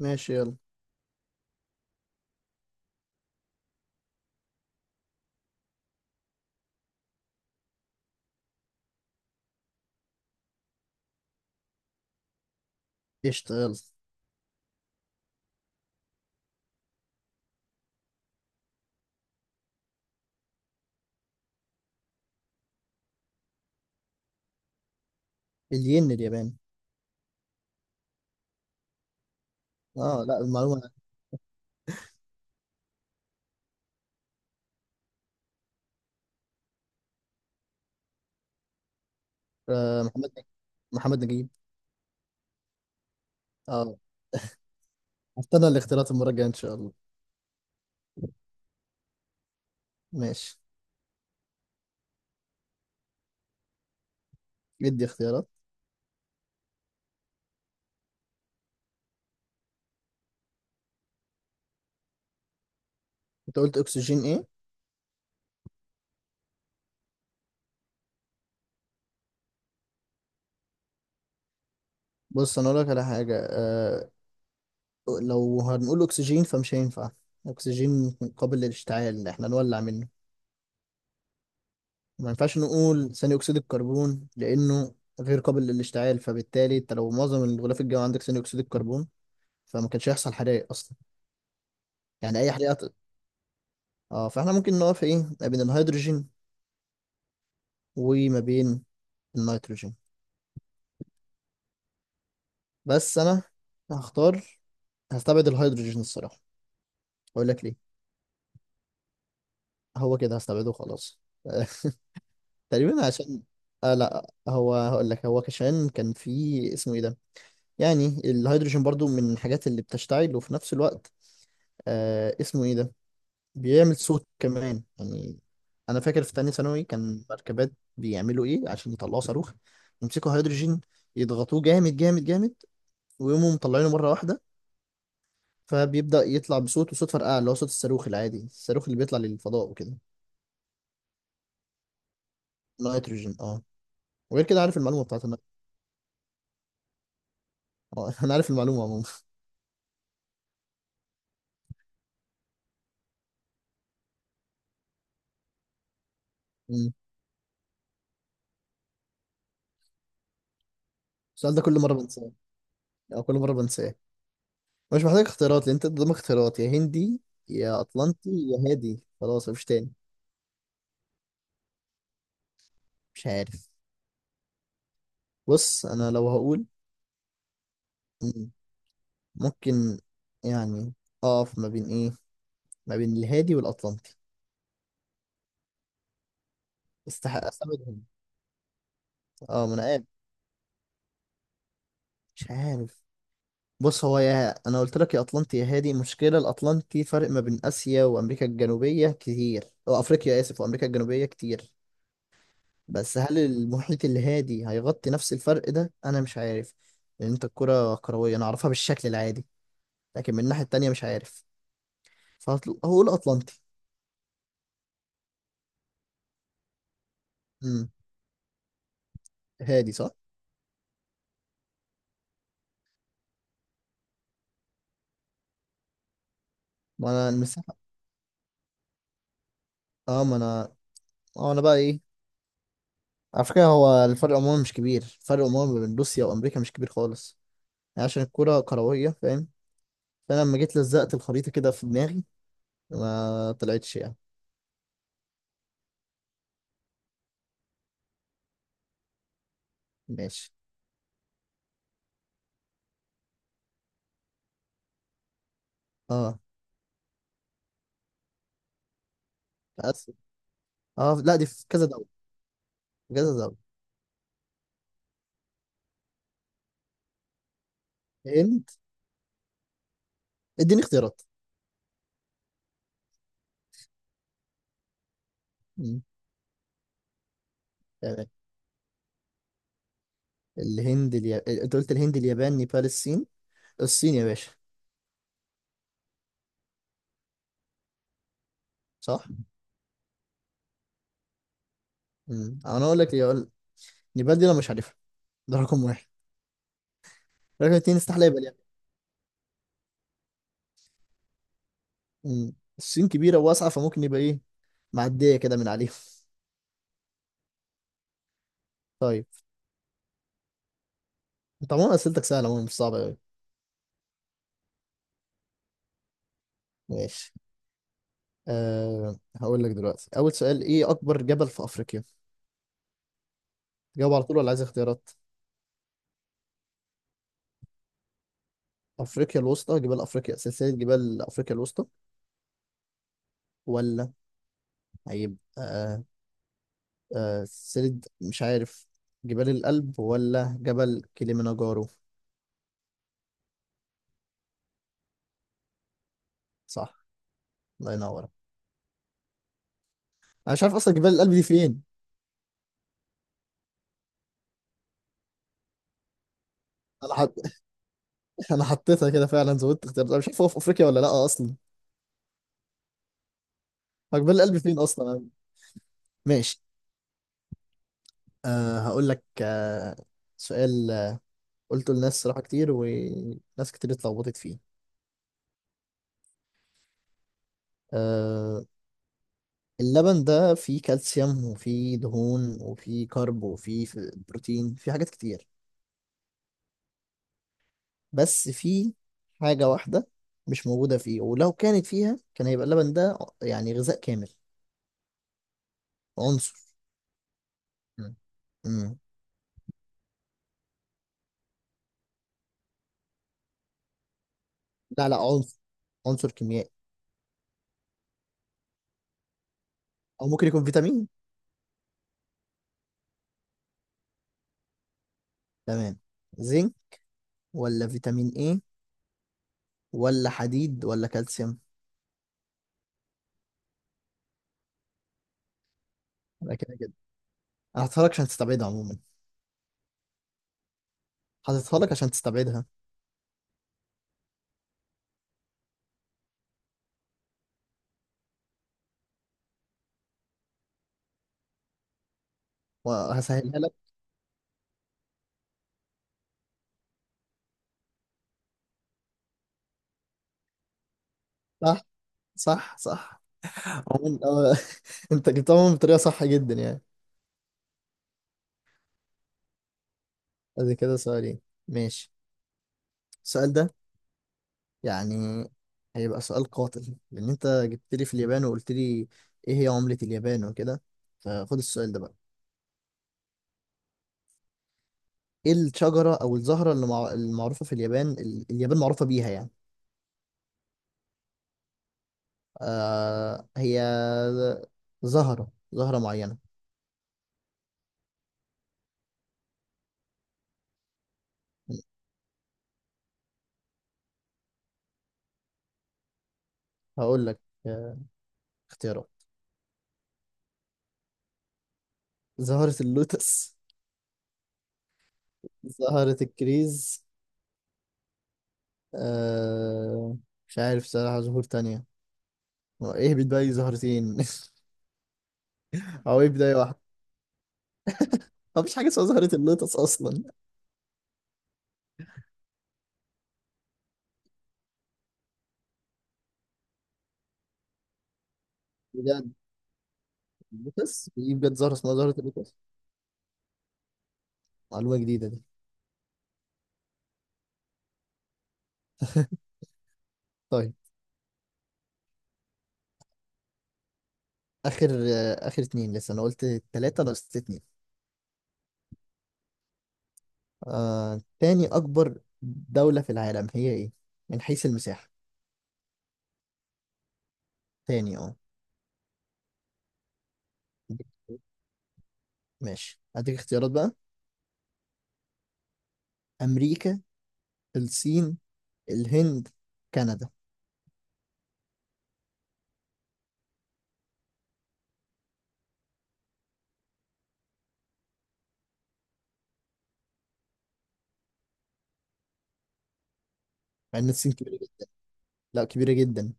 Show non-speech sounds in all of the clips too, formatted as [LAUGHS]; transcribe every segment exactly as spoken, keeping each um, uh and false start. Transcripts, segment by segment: ماشي، يلا. اشتغل. الين الياباني. اه، لا المعلومة. آه محمد نجيب، محمد نجيب. اه. هستنى الاختيارات المرة الجاية ان شاء الله. ماشي. ادي اختيارات. انت قلت اكسجين ايه؟ بص، انا اقول لك على حاجة آه لو هنقول اكسجين فمش هينفع. اكسجين قابل للاشتعال، احنا نولع منه. ما ينفعش نقول ثاني اكسيد الكربون لانه غير قابل للاشتعال، فبالتالي انت لو معظم الغلاف الجوي عندك ثاني اكسيد الكربون فما كانش هيحصل حرائق اصلا، يعني اي حريقه. اه، فاحنا ممكن نقف ايه ما بين الهيدروجين وما بين النيتروجين. بس انا هختار، هستبعد الهيدروجين الصراحة. اقول لك ليه. هو كده، هستبعده خلاص. [LAUGHS] تقريبا عشان آه لا، هو هقول لك، هو عشان كان في اسمه ايه ده. يعني الهيدروجين برضو من الحاجات اللي بتشتعل، وفي نفس الوقت آه اسمه ايه ده، بيعمل صوت كمان يعني. انا فاكر في تانية ثانوي كان مركبات بيعملوا ايه عشان يطلعوا صاروخ، يمسكوا هيدروجين، يضغطوه جامد جامد جامد ويقوموا مطلعينه مرة واحدة، فبيبدأ يطلع بصوت وصوت فرقعة اللي هو صوت الصاروخ العادي، الصاروخ اللي بيطلع للفضاء وكده. نيتروجين، اه. وغير كده، عارف المعلومة بتاعت النيت- اه. [LAUGHS] انا عارف المعلومة عموما. [LAUGHS] مم. السؤال ده كل مرة بنساه، او كل مرة بنساه. مش محتاج اختيارات، لان انت قدامك اختيارات: يا هندي، يا اطلنطي، يا هادي، خلاص مفيش تاني. مش عارف. بص، انا لو هقول. مم. ممكن يعني اقف ما بين ايه، ما بين الهادي والاطلنطي. استحق استبعد الهندي. اه، ما انا قاعد، مش عارف. بص، هو يا انا قلت لك يا اطلنطي يا هادي. مشكله الاطلنطي فرق ما بين اسيا وامريكا الجنوبيه كتير، او افريقيا اسف وامريكا الجنوبيه كتير. بس هل المحيط الهادي هيغطي نفس الفرق ده؟ انا مش عارف، لان انت الكره كرويه، انا اعرفها بالشكل العادي، لكن من الناحيه التانيه مش عارف. فهقول اطلنطي. امم. هادي صح؟ ما انا المساحه، اه ما انا، اه انا بقى ايه. على فكره هو الفرق عموما مش كبير، الفرق عموما ما بين روسيا وامريكا مش كبير خالص، يعني عشان الكره كرويه، فاهم؟ فانا لما جيت لزقت الخريطه كده في دماغي، ما طلعتش يعني. ماشي. اه، اسف. اه، لا، دي في كذا دوله. في كذا دوله. الهند. اديني اختيارات. مم، تمام. الهند اليا... انت قلت الهند، اليابان، نيبال، الصين. الصين يا باشا، صح. مم. انا اقول لك يقول... نيبال دي انا مش عارفها، ده رقم واحد. رقم اتنين، استحاله يبقى اليابان. مم. الصين كبيره وواسعه، فممكن يبقى ايه، معديه كده من عليهم. [LAUGHS] طيب، طبعا اسئلتك سهله عموماً، مش صعبه قوي. ماشي. أه، هقول لك دلوقتي: أول سؤال، إيه أكبر جبل في أفريقيا؟ جاوب على طول ولا عايز اختيارات؟ افريقيا الوسطى، جبال افريقيا، سلسله جبال افريقيا الوسطى، ولا هيبقى آه آه سلسله مش عارف، جبال القلب، ولا جبل كليمنجارو؟ صح. الله ينور. انا مش عارف اصلا جبال القلب دي فين. انا حط... [LAUGHS] انا حطيتها كده فعلا، زودت اختيارات، انا مش عارف هو في افريقيا ولا لا اصلا. هو جبال القلب فين اصلا؟ ماشي. آه هقول لك آه سؤال آه، قلته لناس صراحه كتير، وناس كتير اتلخبطت فيه. آه، اللبن ده فيه كالسيوم، وفيه دهون، وفيه كارب، وفيه ف- بروتين، فيه حاجات كتير. بس فيه حاجة واحدة مش موجودة فيه، ولو كانت فيها كان هيبقى اللبن ده يعني غذاء كامل. عنصر. مم. مم. لا، لا، عنصر، عنصر كيميائي. أو ممكن يكون فيتامين. تمام. زنك، ولا فيتامين ايه، ولا حديد، ولا كالسيوم. يبقى كده كده أنا هحطها لك عشان تستبعدها عموما، هحطها لك عشان تستبعدها، وهسهلها لك. صح، صح، صح. عموما اه. [LAUGHS] انت جبتهم بطريقة صح جدا يعني. ادي كده سؤالين. ماشي. السؤال ده يعني هيبقى سؤال قاتل، لان انت جبت لي في اليابان وقلت لي ايه هي عملة اليابان وكده. فخد السؤال ده بقى: ايه الشجرة او الزهرة اللي مع... المعروفة في اليابان، ال... اليابان معروفة بيها يعني؟ آه، هي زهرة، زهرة معينة. هقول لك آه، اختيارات: زهرة اللوتس، زهرة الكريز. آه... مش عارف صراحة زهور تانية. هو ايه بداية زهرتين؟ [LAUGHS] او ايه بداية واحدة؟ مفيش حاجة اسمها زهرة اللوتس اصلا. بجد؟ اللوتس في بجد زهرة اسمها زهرة اللوتس؟ معلومة جديدة دي. [LAUGHS] طيب. اخر آه، اخر اتنين لسه. انا قلت تلاتة، انا قلت اتنين. آه... تاني اكبر دولة في العالم هي ايه، من حيث المساحة؟ تاني، اه. ماشي، هديك اختيارات بقى: امريكا، الصين، الهند، كندا. مع ان الصين كبيرة جدا، لا كبيرة جدا.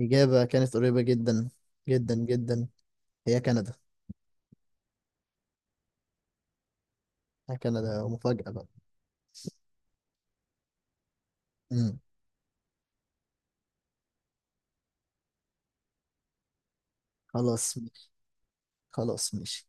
إجابة كانت قريبة جدا، جدا جدا. هي كندا. كندا مفاجأة بقى. امم. خلاص. خلاص، ماشي.